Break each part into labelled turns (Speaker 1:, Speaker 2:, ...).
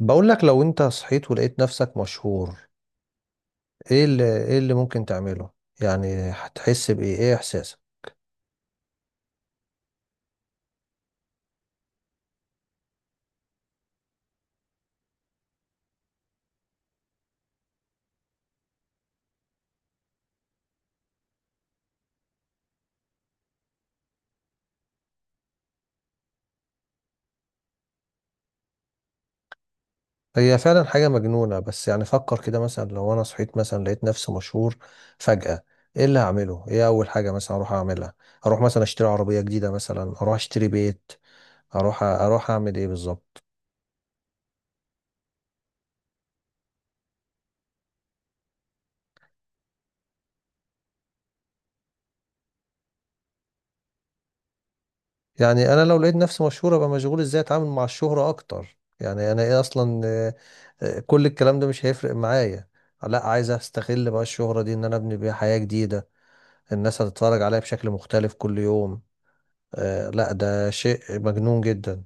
Speaker 1: بقول لك لو انت صحيت ولقيت نفسك مشهور. ايه اللي ممكن تعمله؟ يعني هتحس بايه؟ ايه احساسك؟ هي فعلا حاجة مجنونة، بس يعني فكر كده، مثلا لو انا صحيت مثلا لقيت نفسي مشهور فجأة، ايه اللي هعمله؟ ايه اول حاجة مثلا اروح اعملها؟ اروح مثلا اشتري عربية جديدة، مثلا اروح اشتري بيت، اروح اعمل ايه بالظبط؟ يعني انا لو لقيت نفسي مشهور ابقى مشغول ازاي اتعامل مع الشهرة اكتر، يعني انا ايه اصلا؟ كل الكلام ده مش هيفرق معايا، لا عايز استغل بقى الشهرة دي ان انا ابني بيها حياة جديدة. الناس هتتفرج عليا بشكل مختلف كل يوم. آه لا، ده شيء مجنون جدا.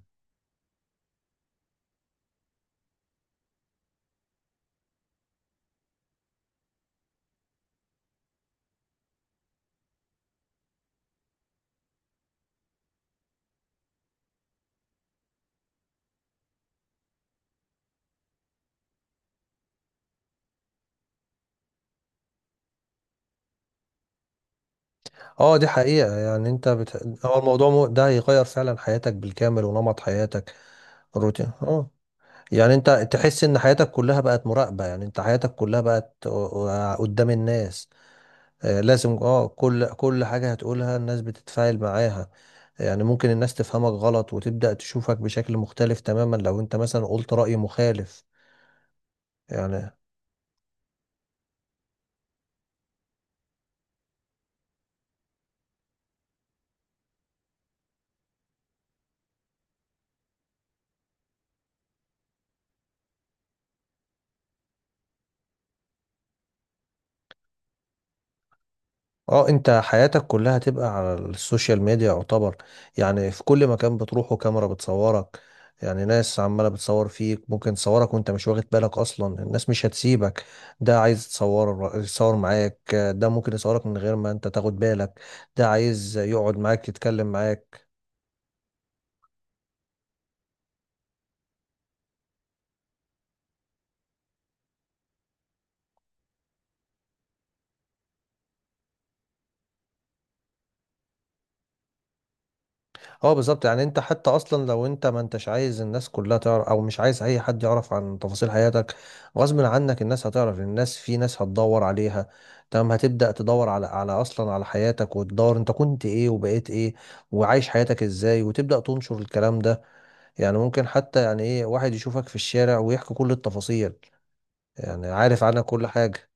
Speaker 1: اه دي حقيقة. يعني هو الموضوع ده هيغير فعلا حياتك بالكامل ونمط حياتك، الروتين. اه يعني انت تحس ان حياتك كلها بقت مراقبة، يعني انت حياتك كلها بقت قدام الناس. لازم اه كل حاجة هتقولها الناس بتتفاعل معاها. يعني ممكن الناس تفهمك غلط وتبدأ تشوفك بشكل مختلف تماما لو انت مثلا قلت رأي مخالف. يعني اه انت حياتك كلها هتبقى على السوشيال ميديا يعتبر. يعني في كل مكان بتروحه كاميرا بتصورك، يعني ناس عمالة بتصور فيك، ممكن تصورك وانت مش واخد بالك اصلا. الناس مش هتسيبك، ده عايز يتصور معاك، ده ممكن يصورك من غير ما انت تاخد بالك، ده عايز يقعد معاك يتكلم معاك. اه بالظبط. يعني انت حتى اصلا لو انت ما انتش عايز الناس كلها تعرف، او مش عايز اي حد يعرف عن تفاصيل حياتك، غصب عنك الناس هتعرف. الناس في ناس هتدور عليها، تمام، هتبدأ تدور على اصلا على حياتك، وتدور انت كنت ايه وبقيت ايه وعايش حياتك ازاي، وتبدأ تنشر الكلام ده. يعني ممكن حتى يعني ايه واحد يشوفك في الشارع ويحكي كل التفاصيل، يعني عارف عنك كل حاجة.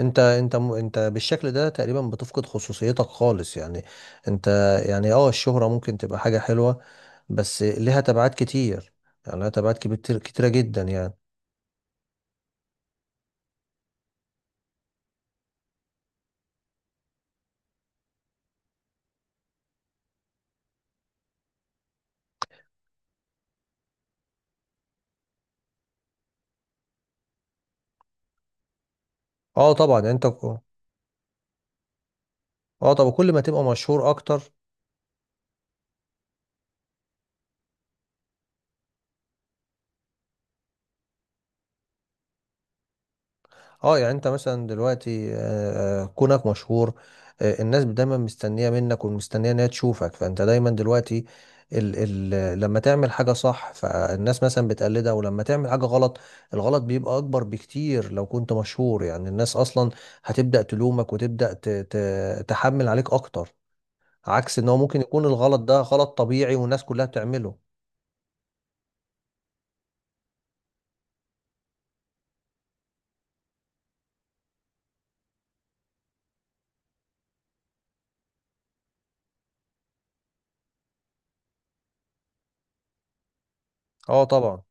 Speaker 1: انت بالشكل ده تقريبا بتفقد خصوصيتك خالص. يعني انت، يعني اه الشهرة ممكن تبقى حاجة حلوة، بس لها تبعات كتير، يعني لها كتيرة جدا يعني. اه طبعا. يعني اه طبعا كل ما تبقى مشهور اكتر. اه يعني انت مثلا دلوقتي كونك مشهور، الناس دايما مستنيه منك ومستنيه ان هي تشوفك، فانت دايما دلوقتي ال ال لما تعمل حاجه صح فالناس مثلا بتقلدها، ولما تعمل حاجه غلط الغلط بيبقى اكبر بكتير لو كنت مشهور. يعني الناس اصلا هتبدا تلومك، وتبدا ت تحمل عليك اكتر، عكس ان هو ممكن يكون الغلط ده غلط طبيعي والناس كلها بتعمله. اه طبعا.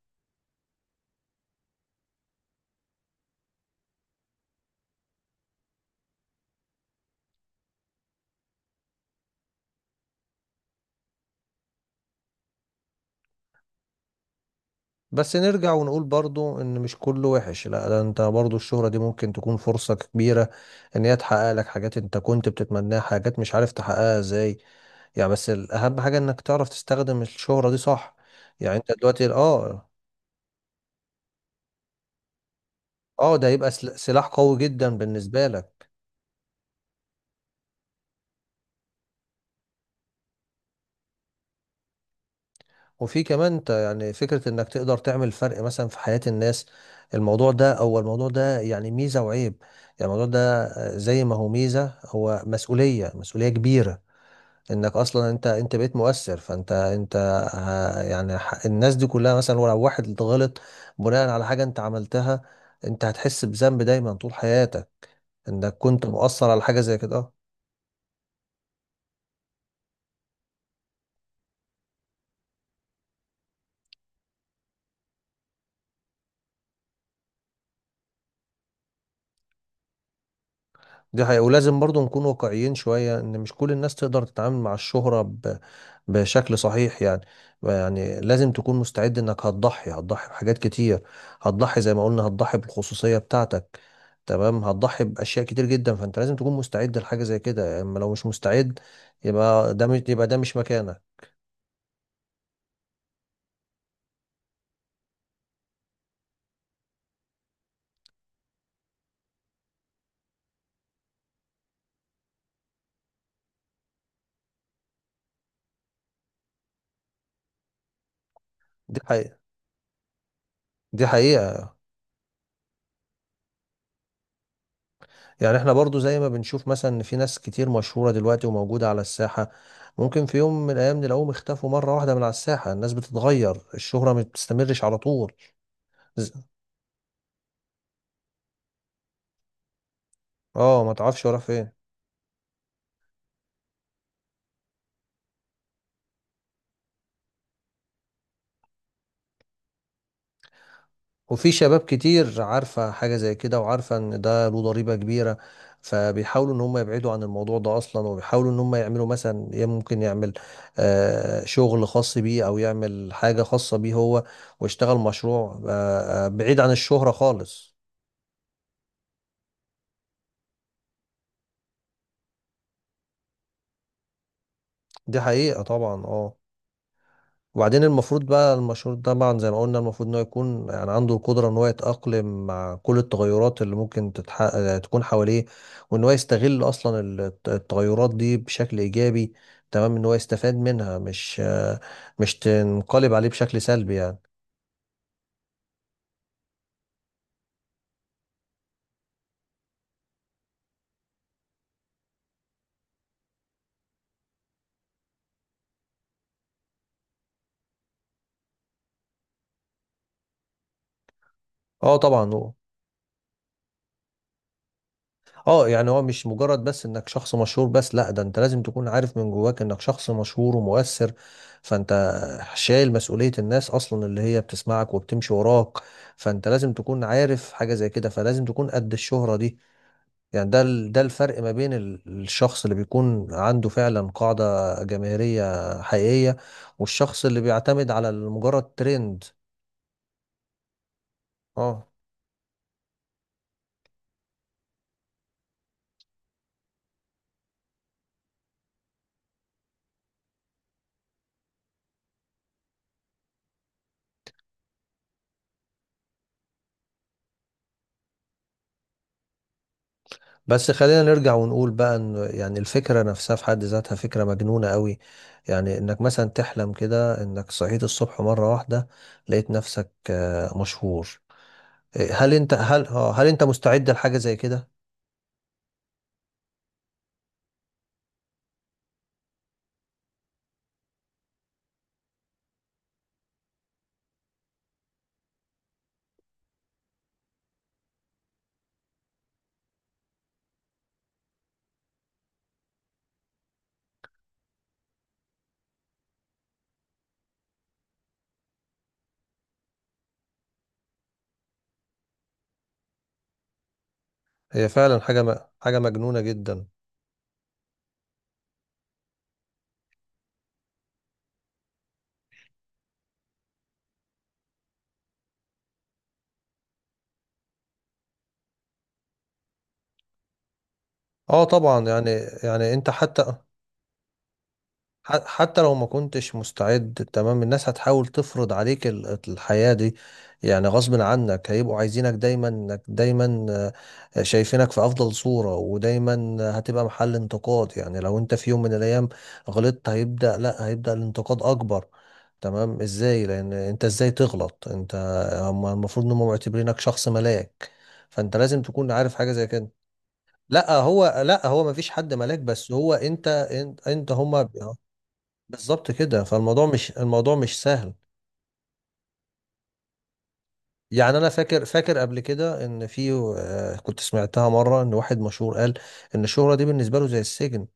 Speaker 1: بس نرجع ونقول برضو ان مش كله وحش، لا، ده انت برضو الشهرة دي ممكن تكون فرصة كبيرة ان هي تحقق لك حاجات انت كنت بتتمناها، حاجات مش عارف تحققها ازاي. يعني بس الاهم حاجة انك تعرف تستخدم الشهرة دي صح. يعني انت دلوقتي اه، اه ده هيبقى سلاح قوي جدا بالنسبة لك. وفي كمان انت، يعني فكرة انك تقدر تعمل فرق مثلا في حياة الناس، الموضوع ده، او الموضوع ده يعني ميزة وعيب. يعني الموضوع ده، زي ما هو ميزة هو مسؤولية، مسؤولية كبيرة. انك اصلا انت بقيت مؤثر، فانت انت ه- يعني ح- الناس دي كلها مثلا ولو واحد غلط بناء على حاجة انت عملتها، انت هتحس بذنب دايما طول حياتك انك كنت مؤثر على حاجة زي كده آه. دي حقيقة. ولازم برضو نكون واقعيين شوية ان مش كل الناس تقدر تتعامل مع الشهرة بشكل صحيح يعني. يعني لازم تكون مستعد انك هتضحي بحاجات كتير، هتضحي زي ما قلنا، هتضحي بالخصوصية بتاعتك، تمام، هتضحي بأشياء كتير جدا، فانت لازم تكون مستعد لحاجة زي كده، اما لو مش مستعد يبقى ده مش مكانك. دي حقيقة، دي حقيقة. يعني احنا برضو زي ما بنشوف مثلا ان في ناس كتير مشهورة دلوقتي وموجودة على الساحة، ممكن في يوم من الايام نلاقوهم اختفوا مرة واحدة من على الساحة. الناس بتتغير، الشهرة ما بتستمرش على طول. ز- اه ما تعرفش ورا فين. وفي شباب كتير عارفة حاجة زي كده، وعارفة ان ده له ضريبة كبيرة، فبيحاولوا ان هم يبعدوا عن الموضوع ده اصلا، وبيحاولوا ان هم يعملوا مثلا، يا ممكن يعمل آه شغل خاص بيه، او يعمل حاجة خاصة بيه هو، ويشتغل مشروع بعيد عن الشهرة خالص. دي حقيقة طبعا اه. وبعدين المفروض بقى المشهور ده طبعا زي ما قلنا، المفروض ان هو يكون يعني عنده القدرة ان هو يتأقلم مع كل التغيرات اللي ممكن تكون حواليه، وان هو يستغل اصلا التغيرات دي بشكل ايجابي، تمام، ان هو يستفاد منها، مش تنقلب عليه بشكل سلبي يعني. اه طبعا. اه يعني هو مش مجرد بس انك شخص مشهور بس، لا، ده انت لازم تكون عارف من جواك انك شخص مشهور ومؤثر، فانت شايل مسؤولية الناس اصلا اللي هي بتسمعك وبتمشي وراك، فانت لازم تكون عارف حاجة زي كده، فلازم تكون قد الشهرة دي. يعني ده ده الفرق ما بين الشخص اللي بيكون عنده فعلا قاعدة جماهيرية حقيقية، والشخص اللي بيعتمد على مجرد ترند. اه. بس خلينا نرجع ونقول بقى ان يعني الفكره نفسها في حد ذاتها فكره مجنونه قوي، يعني انك مثلا تحلم كده انك صحيت الصبح مره واحده لقيت نفسك مشهور. إيه، هل انت مستعد لحاجه زي كده؟ هي فعلا حاجه مجنونه جدا. اه طبعا يعني. يعني انت حتى حتى لو ما كنتش مستعد، تمام، الناس هتحاول تفرض عليك الحياة دي. يعني غصب عنك هيبقوا عايزينك دايما، انك دايما شايفينك في افضل صورة، ودايما هتبقى محل انتقاد. يعني لو انت في يوم من الايام غلطت هيبدأ لا هيبدأ الانتقاد اكبر. تمام، ازاي؟ لان انت ازاي تغلط انت؟ هم المفروض انهم معتبرينك شخص ملاك، فانت لازم تكون عارف حاجة زي كده. لا هو، لا هو مفيش حد ملاك، بس هو انت، انت هم. بالظبط كده، فالموضوع مش، الموضوع مش سهل. يعني انا فاكر قبل كده ان في كنت سمعتها مره ان واحد مشهور قال ان الشهره دي بالنسبه له زي السجن.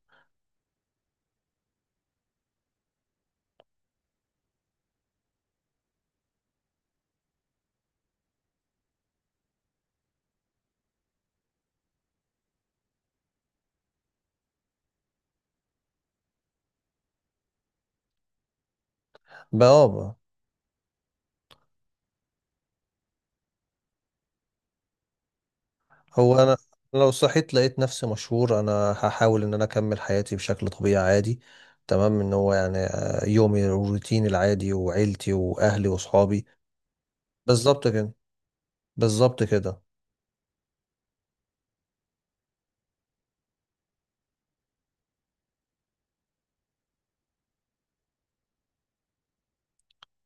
Speaker 1: بابا. هو انا لو صحيت لقيت نفسي مشهور انا هحاول ان انا اكمل حياتي بشكل طبيعي عادي، تمام، ان هو يعني يومي الروتين العادي وعيلتي واهلي واصحابي. بالظبط كده، بالظبط كده.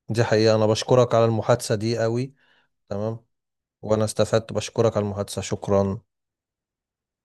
Speaker 1: دي حقيقه، انا بشكرك على المحادثه دي قوي، تمام، وانا استفدت، بشكرك على المحادثه، شكرا.